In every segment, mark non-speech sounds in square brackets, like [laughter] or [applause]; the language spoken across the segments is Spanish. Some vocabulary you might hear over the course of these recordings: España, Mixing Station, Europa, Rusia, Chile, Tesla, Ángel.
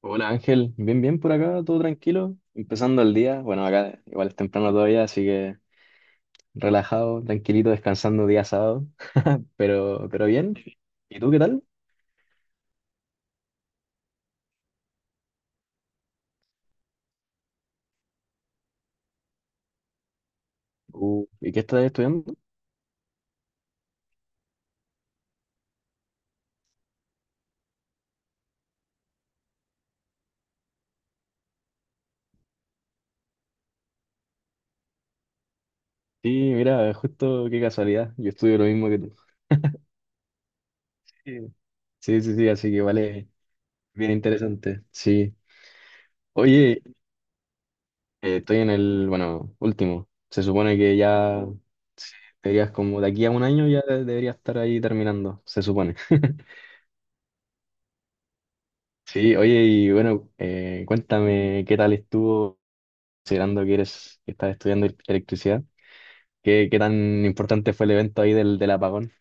Hola Ángel, bien, bien por acá, todo tranquilo, empezando el día, bueno acá igual es temprano todavía, así que relajado, tranquilito, descansando día sábado, pero bien, ¿y tú qué tal? ¿Y qué estás estudiando? Sí, mira, justo qué casualidad, yo estudio lo mismo que tú. Sí, sí, sí, sí, así que vale, bien interesante, sí. Oye, estoy en el, bueno, último, se supone que ya deberías, como de aquí a un año ya deberías estar ahí terminando, se supone. [laughs] Sí, oye, y bueno, cuéntame qué tal estuvo, considerando que eres, que estás estudiando electricidad, qué, qué tan importante fue el evento ahí del, del apagón.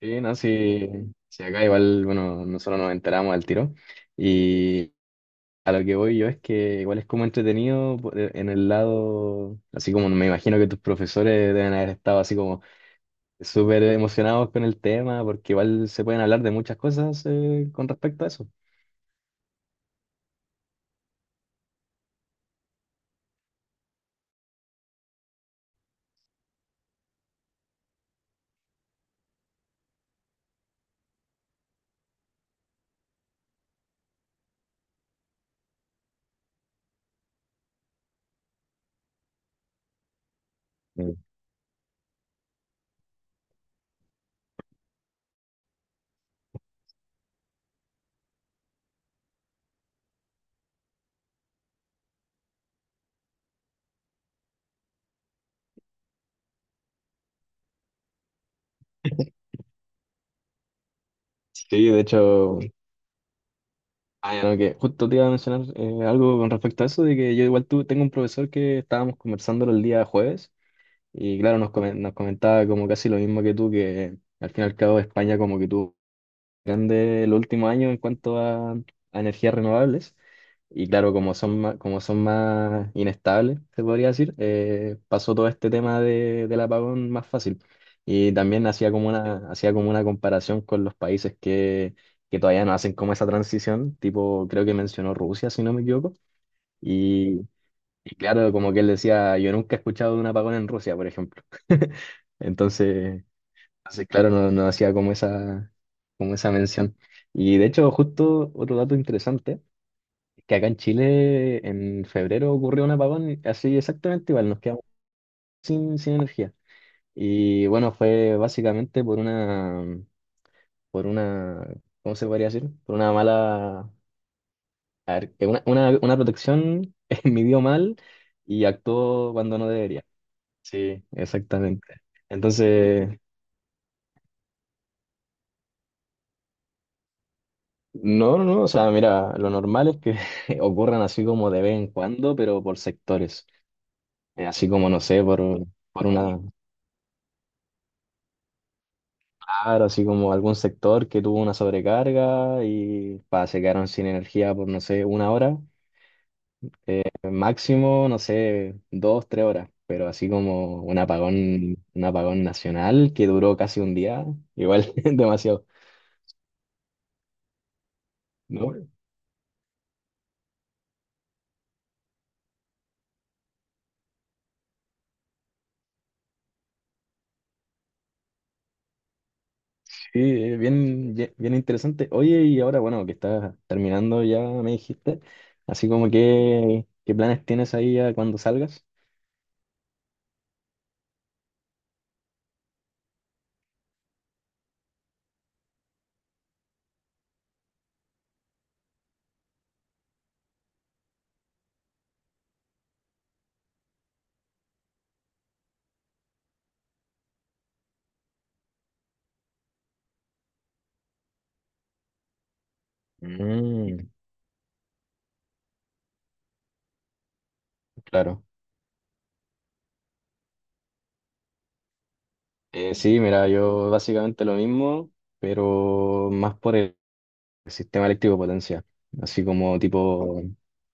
Sí, no, sí, sí, acá igual, bueno, nosotros nos enteramos al tiro. Y a lo que voy yo es que igual es como entretenido en el lado, así como me imagino que tus profesores deben haber estado así como súper emocionados con el tema, porque igual se pueden hablar de muchas cosas con respecto a eso. Mm. Sí, de hecho. Ah, ya. Bueno, que justo te iba a mencionar algo con respecto a eso, de que yo igual tengo un profesor que estábamos conversando el día jueves y claro, nos, nos comentaba como casi lo mismo que tú, que al fin y al cabo España como que tuvo grande el último año en cuanto a energías renovables. Y claro, como son más inestables, se podría decir, pasó todo este tema de, del apagón más fácil. Y también hacía como una comparación con los países que todavía no hacen como esa transición, tipo, creo que mencionó Rusia, si no me equivoco. Y, y claro, como que él decía, yo nunca he escuchado de un apagón en Rusia, por ejemplo. [laughs] Entonces... Así, claro, no, no hacía como esa mención. Y de hecho, justo otro dato interesante, es que acá en Chile en febrero ocurrió un apagón así exactamente igual, nos quedamos sin, sin energía. Y bueno, fue básicamente por una, ¿cómo se podría decir? Por una mala, a ver, que una protección [laughs] midió mal y actuó cuando no debería. Sí, exactamente. Entonces, no, no, no, o sea, mira, lo normal es que [laughs] ocurran así como de vez en cuando, pero por sectores. Así como, no sé, por una, claro, así como algún sector que tuvo una sobrecarga y pa, se quedaron sin energía por, no sé, una hora, eh, máximo, no sé, dos, tres horas, pero así como un apagón nacional que duró casi un día, igual [laughs] demasiado, ¿no? Sí, bien, bien interesante. Oye, y ahora, bueno, que estás terminando ya, me dijiste, así como que, ¿qué planes tienes ahí a cuando salgas? Mm, claro. Sí, mira, yo básicamente lo mismo, pero más por el sistema eléctrico de potencia, así como tipo,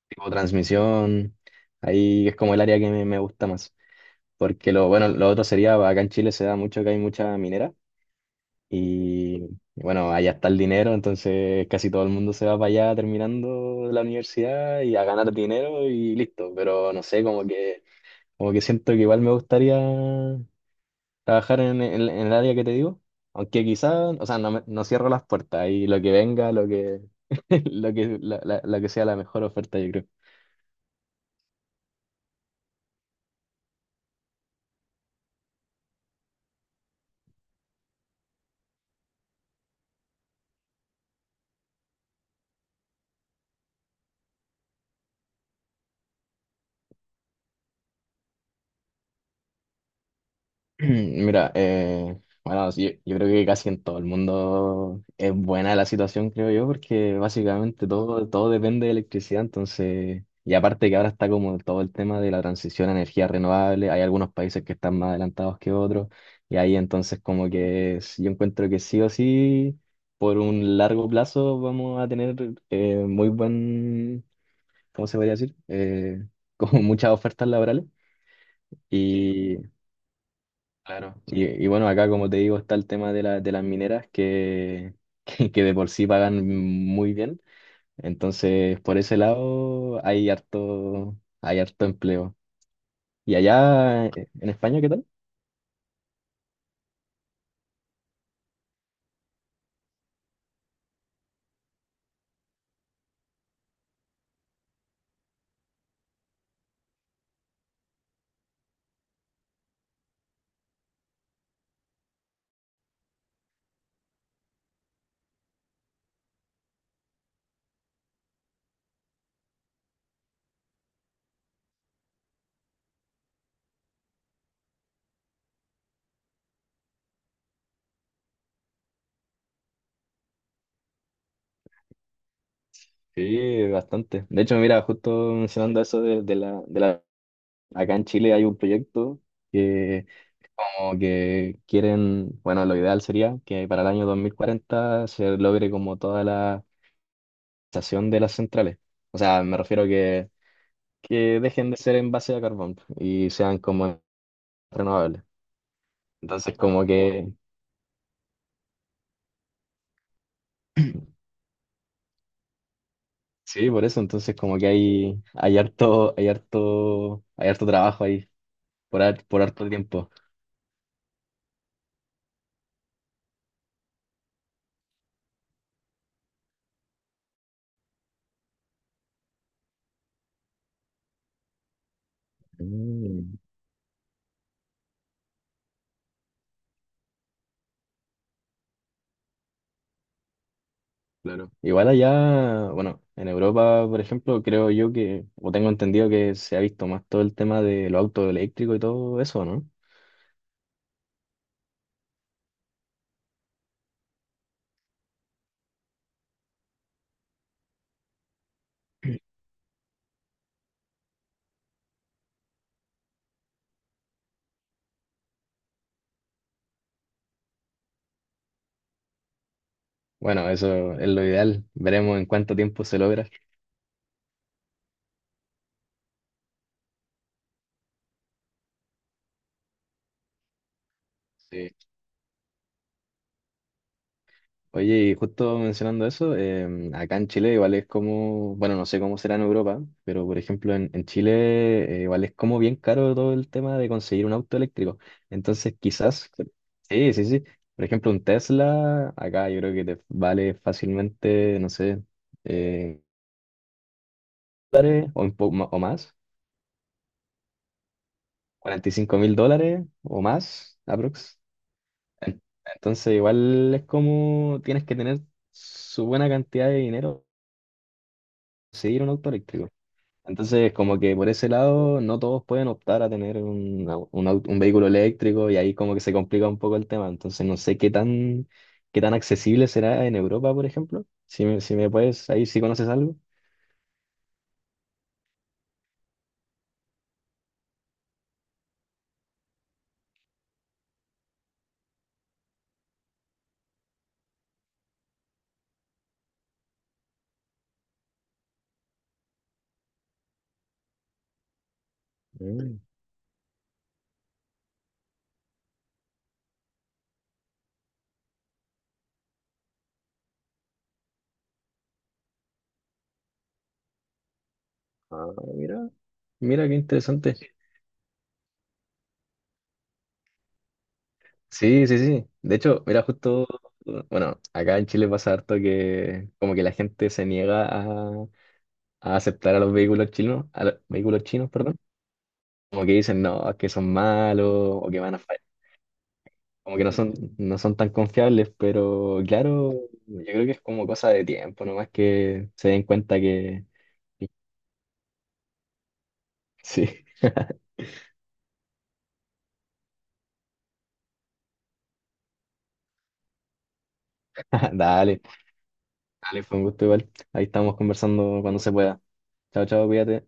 tipo transmisión, ahí es como el área que me gusta más, porque lo, bueno, lo otro sería, acá en Chile se da mucho que hay mucha minera. Y bueno, allá está el dinero, entonces casi todo el mundo se va para allá terminando la universidad y a ganar dinero y listo. Pero no sé, como que siento que igual me gustaría trabajar en el área que te digo. Aunque quizás, o sea, no, no cierro las puertas y lo que venga, lo que, [laughs] lo que, la que sea la mejor oferta, yo creo. [clears throat] Mira, bueno, sí, yo creo que casi en todo el mundo es buena la situación, creo yo, porque básicamente todo, todo depende de electricidad, entonces, y aparte que ahora está como todo el tema de la transición a energía renovable, hay algunos países que están más adelantados que otros, y ahí entonces como que yo encuentro que sí o sí, por un largo plazo vamos a tener muy buen, ¿cómo se podría decir? [laughs] Como muchas ofertas laborales. Sí. Y claro, y bueno, acá como te digo está el tema de, de las mineras que, [laughs] que de por sí pagan muy bien. Entonces, por ese lado hay harto empleo. ¿Y allá en España qué tal? Sí, bastante. De hecho, mira, justo mencionando eso de la... Acá en Chile hay un proyecto que como que quieren, bueno, lo ideal sería que para el año 2040 se logre como toda la estación de las centrales. O sea, me refiero que dejen de ser en base a carbón y sean como renovables. Entonces, como que, sí, por eso, entonces como que hay harto trabajo ahí por, por harto tiempo. Mm. Claro. Igual allá, bueno, en Europa, por ejemplo, creo yo que, o tengo entendido que se ha visto más todo el tema de los autos eléctricos y todo eso, ¿no? Bueno, eso es lo ideal. Veremos en cuánto tiempo se logra. Sí. Oye, y justo mencionando eso, acá en Chile igual es como, bueno, no sé cómo será en Europa, pero por ejemplo en Chile igual es como bien caro todo el tema de conseguir un auto eléctrico. Entonces quizás, sí, sí, sí, por ejemplo un Tesla, acá yo creo que te vale fácilmente, no sé, eh, dólares o, o más, $45.000 o más, aprox. En- Entonces igual es como tienes que tener su buena cantidad de dinero para conseguir un auto eléctrico. Entonces, como que por ese lado, no todos pueden optar a tener un vehículo eléctrico y ahí como que se complica un poco el tema. Entonces, no sé qué tan accesible será en Europa, por ejemplo. Si me, si me puedes, ahí si conoces algo. Mm, ah, mira. Mira, qué interesante. Sí, sí, sí. De hecho, mira, justo, bueno, acá en Chile pasa harto que como que la gente se niega a aceptar a los vehículos chinos, a los vehículos chinos, perdón. Como que dicen, no, es que son malos o que van a fallar. Como que no son, no son tan confiables, pero claro, yo creo que es como cosa de tiempo, nomás que se den cuenta que sí. [laughs] Dale, dale, fue un gusto igual. Ahí estamos conversando cuando se pueda. Chao, chao, cuídate.